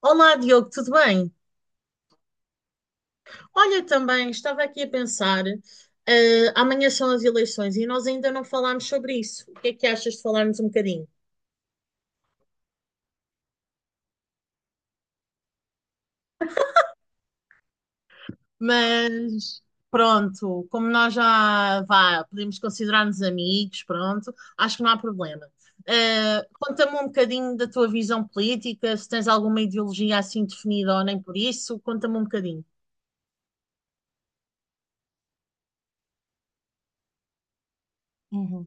Olá, Diogo, tudo bem? Olha, também estava aqui a pensar, amanhã são as eleições e nós ainda não falámos sobre isso. O que é que achas de falarmos um bocadinho? Mas pronto, como nós já vá, podemos considerar-nos amigos, pronto, acho que não há problema. Conta-me um bocadinho da tua visão política, se tens alguma ideologia assim definida ou nem por isso, conta-me um bocadinho. Uhum.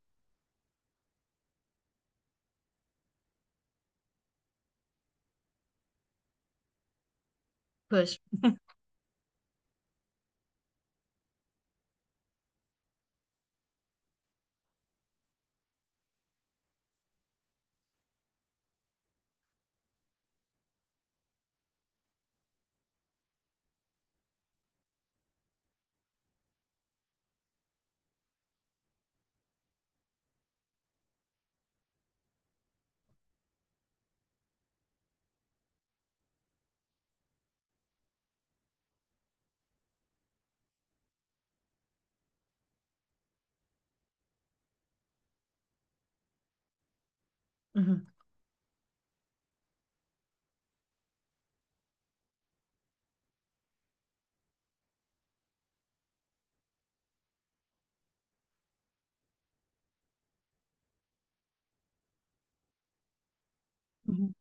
Pois. Uhum. Uhum.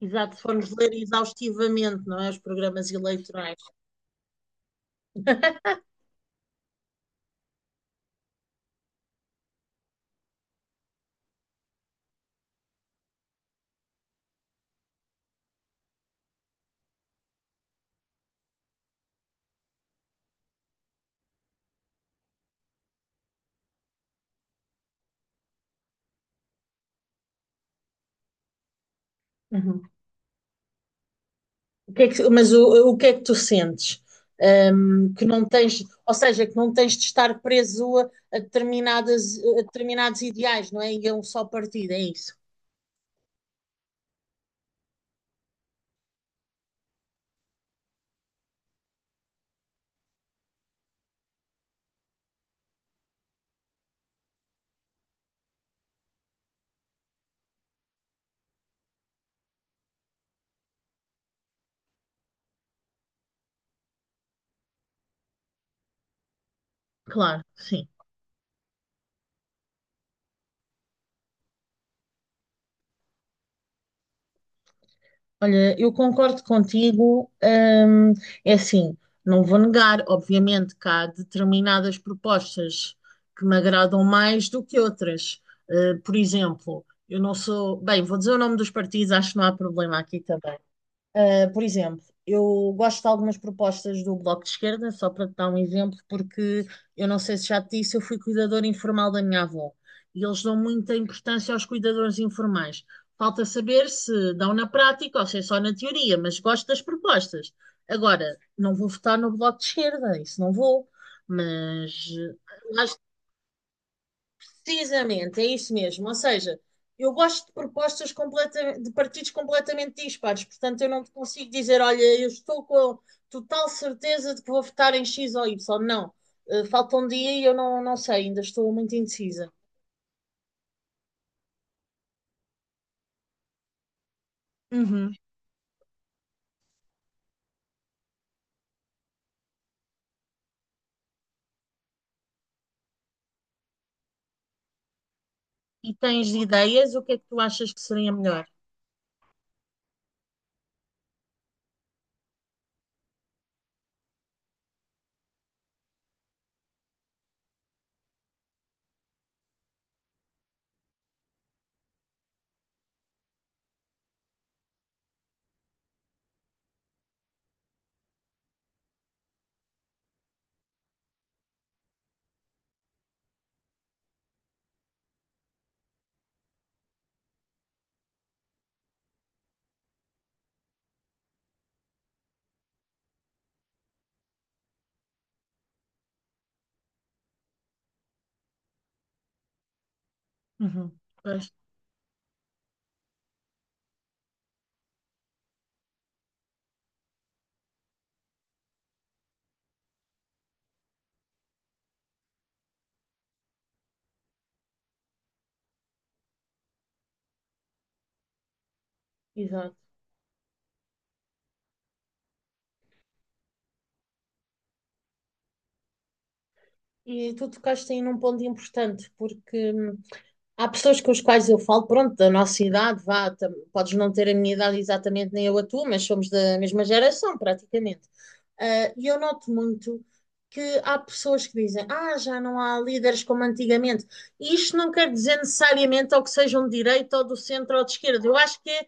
Exato, se formos ler exaustivamente, não é, os programas eleitorais. Uhum. O que é que- Mas o que é que tu sentes? Que não tens, ou seja, que não tens de estar preso a determinadas, a determinados ideais, não é? E a um só partido, é isso. Claro, sim. Olha, eu concordo contigo. É assim, não vou negar, obviamente, que há determinadas propostas que me agradam mais do que outras. Ah, por exemplo, eu não sou, bem, vou dizer o nome dos partidos, acho que não há problema aqui também. Por exemplo, eu gosto de algumas propostas do Bloco de Esquerda, só para te dar um exemplo, porque eu não sei se já te disse, eu fui cuidadora informal da minha avó e eles dão muita importância aos cuidadores informais. Falta saber se dão na prática ou se é só na teoria, mas gosto das propostas. Agora, não vou votar no Bloco de Esquerda, isso não vou, mas lá. Precisamente, é isso mesmo. Ou seja, eu gosto de de partidos completamente dispares, portanto, eu não te consigo dizer, olha, eu estou com a total certeza de que vou votar em X ou Y. Não. Falta um dia e eu não, não sei, ainda estou muito indecisa. Uhum. E tens ideias? O que é que tu achas que seria melhor? Uhum. Pois, exato. E tu tocaste aí num ponto importante, porque há pessoas com as quais eu falo, pronto, da nossa idade, vá, podes não ter a minha idade exatamente nem eu a tua, mas somos da mesma geração, praticamente. Ah, e eu noto muito que há pessoas que dizem, ah, já não há líderes como antigamente. E isto não quer dizer necessariamente ou que sejam de direita ou do centro ou de esquerda. Eu acho que é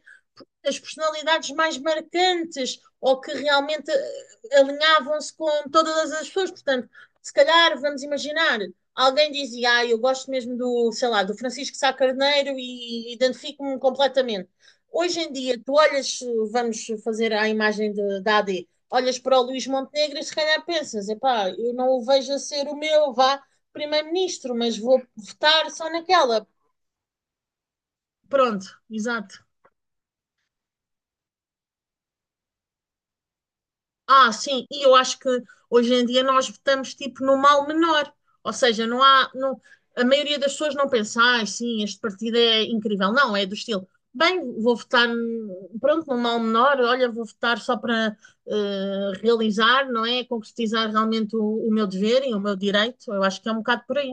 as personalidades mais marcantes ou que realmente alinhavam-se com todas as pessoas. Portanto, se calhar, vamos imaginar, alguém dizia, ah, eu gosto mesmo do, sei lá, do Francisco Sá Carneiro e identifico-me completamente. Hoje em dia, tu olhas, vamos fazer da AD, olhas para o Luís Montenegro e se calhar pensas, epá, eu não o vejo a ser o meu, vá, primeiro-ministro, mas vou votar só naquela. Pronto, exato. Ah, sim, e eu acho que hoje em dia nós votamos tipo no mal menor, ou seja, não, a maioria das pessoas não pensa, ah, sim, este partido é incrível, não, é do estilo, bem, vou votar, pronto, no mal menor, olha, vou votar só para realizar, não é, concretizar realmente o meu dever e o meu direito, eu acho que é um bocado por aí.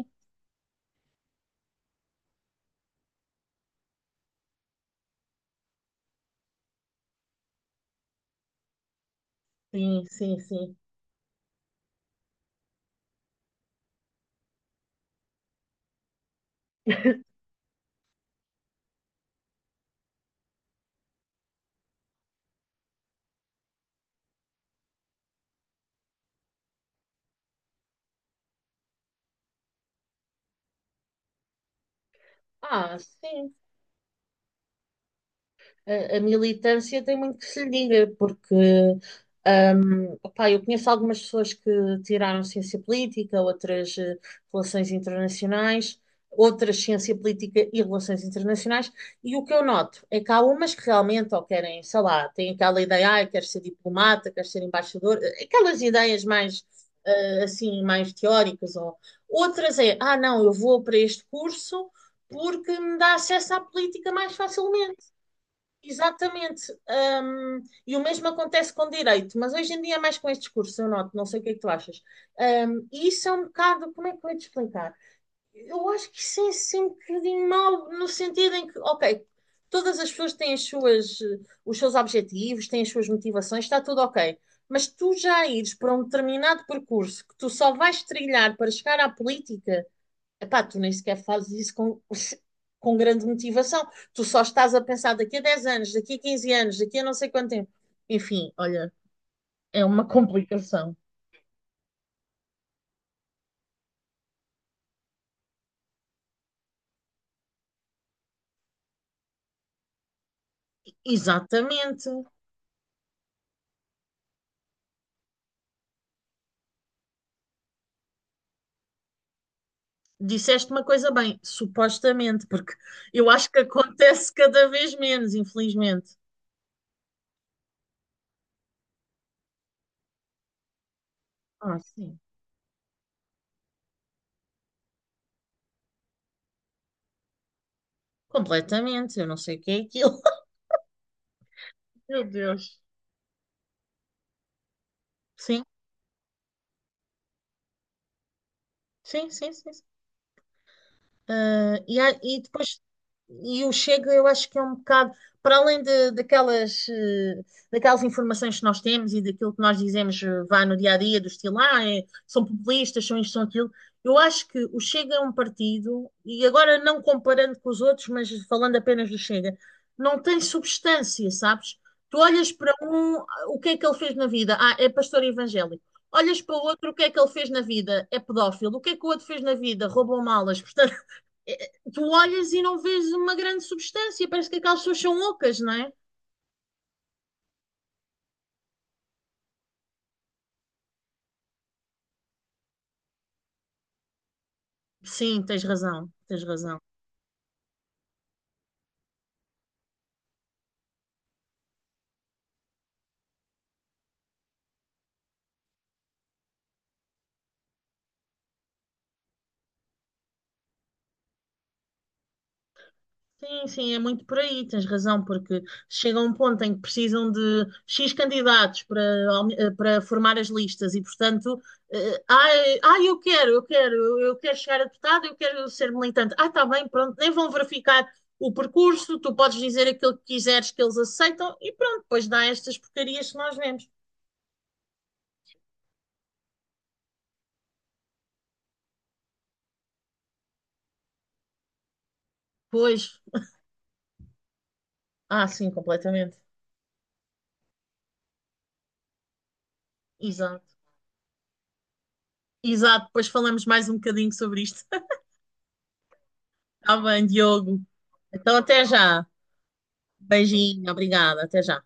Sim, sim, sim. Ah, sim. A, a militância tem muito que se lhe diga, porque opá, eu conheço algumas pessoas que tiraram ciência política, outras relações internacionais, outras ciência política e relações internacionais, e o que eu noto é que há umas que realmente ou querem, sei lá, têm aquela ideia, ah, quero ser diplomata, quero ser embaixador, aquelas ideias mais assim, mais teóricas, ou outras é, ah, não, eu vou para este curso porque me dá acesso à política mais facilmente. Exatamente. E o mesmo acontece com direito, mas hoje em dia é mais com este discurso, eu noto, não sei o que é que tu achas. E isso é um bocado, como é que eu ia te explicar? Eu acho que isso é sempre um bocadinho mau, no sentido em que, ok, todas as pessoas têm as suas, os seus objetivos, têm as suas motivações, está tudo ok. Mas tu já ires para um determinado percurso que tu só vais trilhar para chegar à política. Epá, tu nem sequer fazes isso com grande motivação. Tu só estás a pensar daqui a 10 anos, daqui a 15 anos, daqui a não sei quanto tempo. Enfim, olha, é uma complicação. Exatamente. Disseste uma coisa bem, supostamente, porque eu acho que acontece cada vez menos, infelizmente. Ah, sim. Completamente. Eu não sei o que é aquilo. Meu Deus. Sim, sim, sim, sim. Ah, e, e depois e o Chega eu acho que é um bocado para além de, daquelas daquelas informações que nós temos e daquilo que nós dizemos, vá, no dia a dia do estilo ah, são populistas, são isto, são aquilo, eu acho que o Chega é um partido, e agora não comparando com os outros mas falando apenas do Chega, não tem substância, sabes? Tu olhas para um, ah, o que é que ele fez na vida? Ah, é pastor evangélico. Olhas para o outro, o que é que ele fez na vida? É pedófilo. O que é que o outro fez na vida? Roubou malas. É, é, tu olhas e não vês uma grande substância, parece que aquelas pessoas são ocas, não é? Sim, tens razão, tens razão. Sim, sim, é muito por aí, tens razão, porque chega um ponto em que precisam de X candidatos para, para formar as listas e, portanto, ai, ai, eu quero, eu quero, eu quero chegar a deputado, eu quero ser militante. Ah, está bem, pronto, nem vão verificar o percurso, tu podes dizer aquilo que quiseres que eles aceitam e pronto, depois dá estas porcarias que nós vemos. Pois, ah, sim, completamente. Exato. Exato, depois falamos mais um bocadinho sobre isto. Está bem, Diogo. Então, até já. Beijinho, obrigada, até já.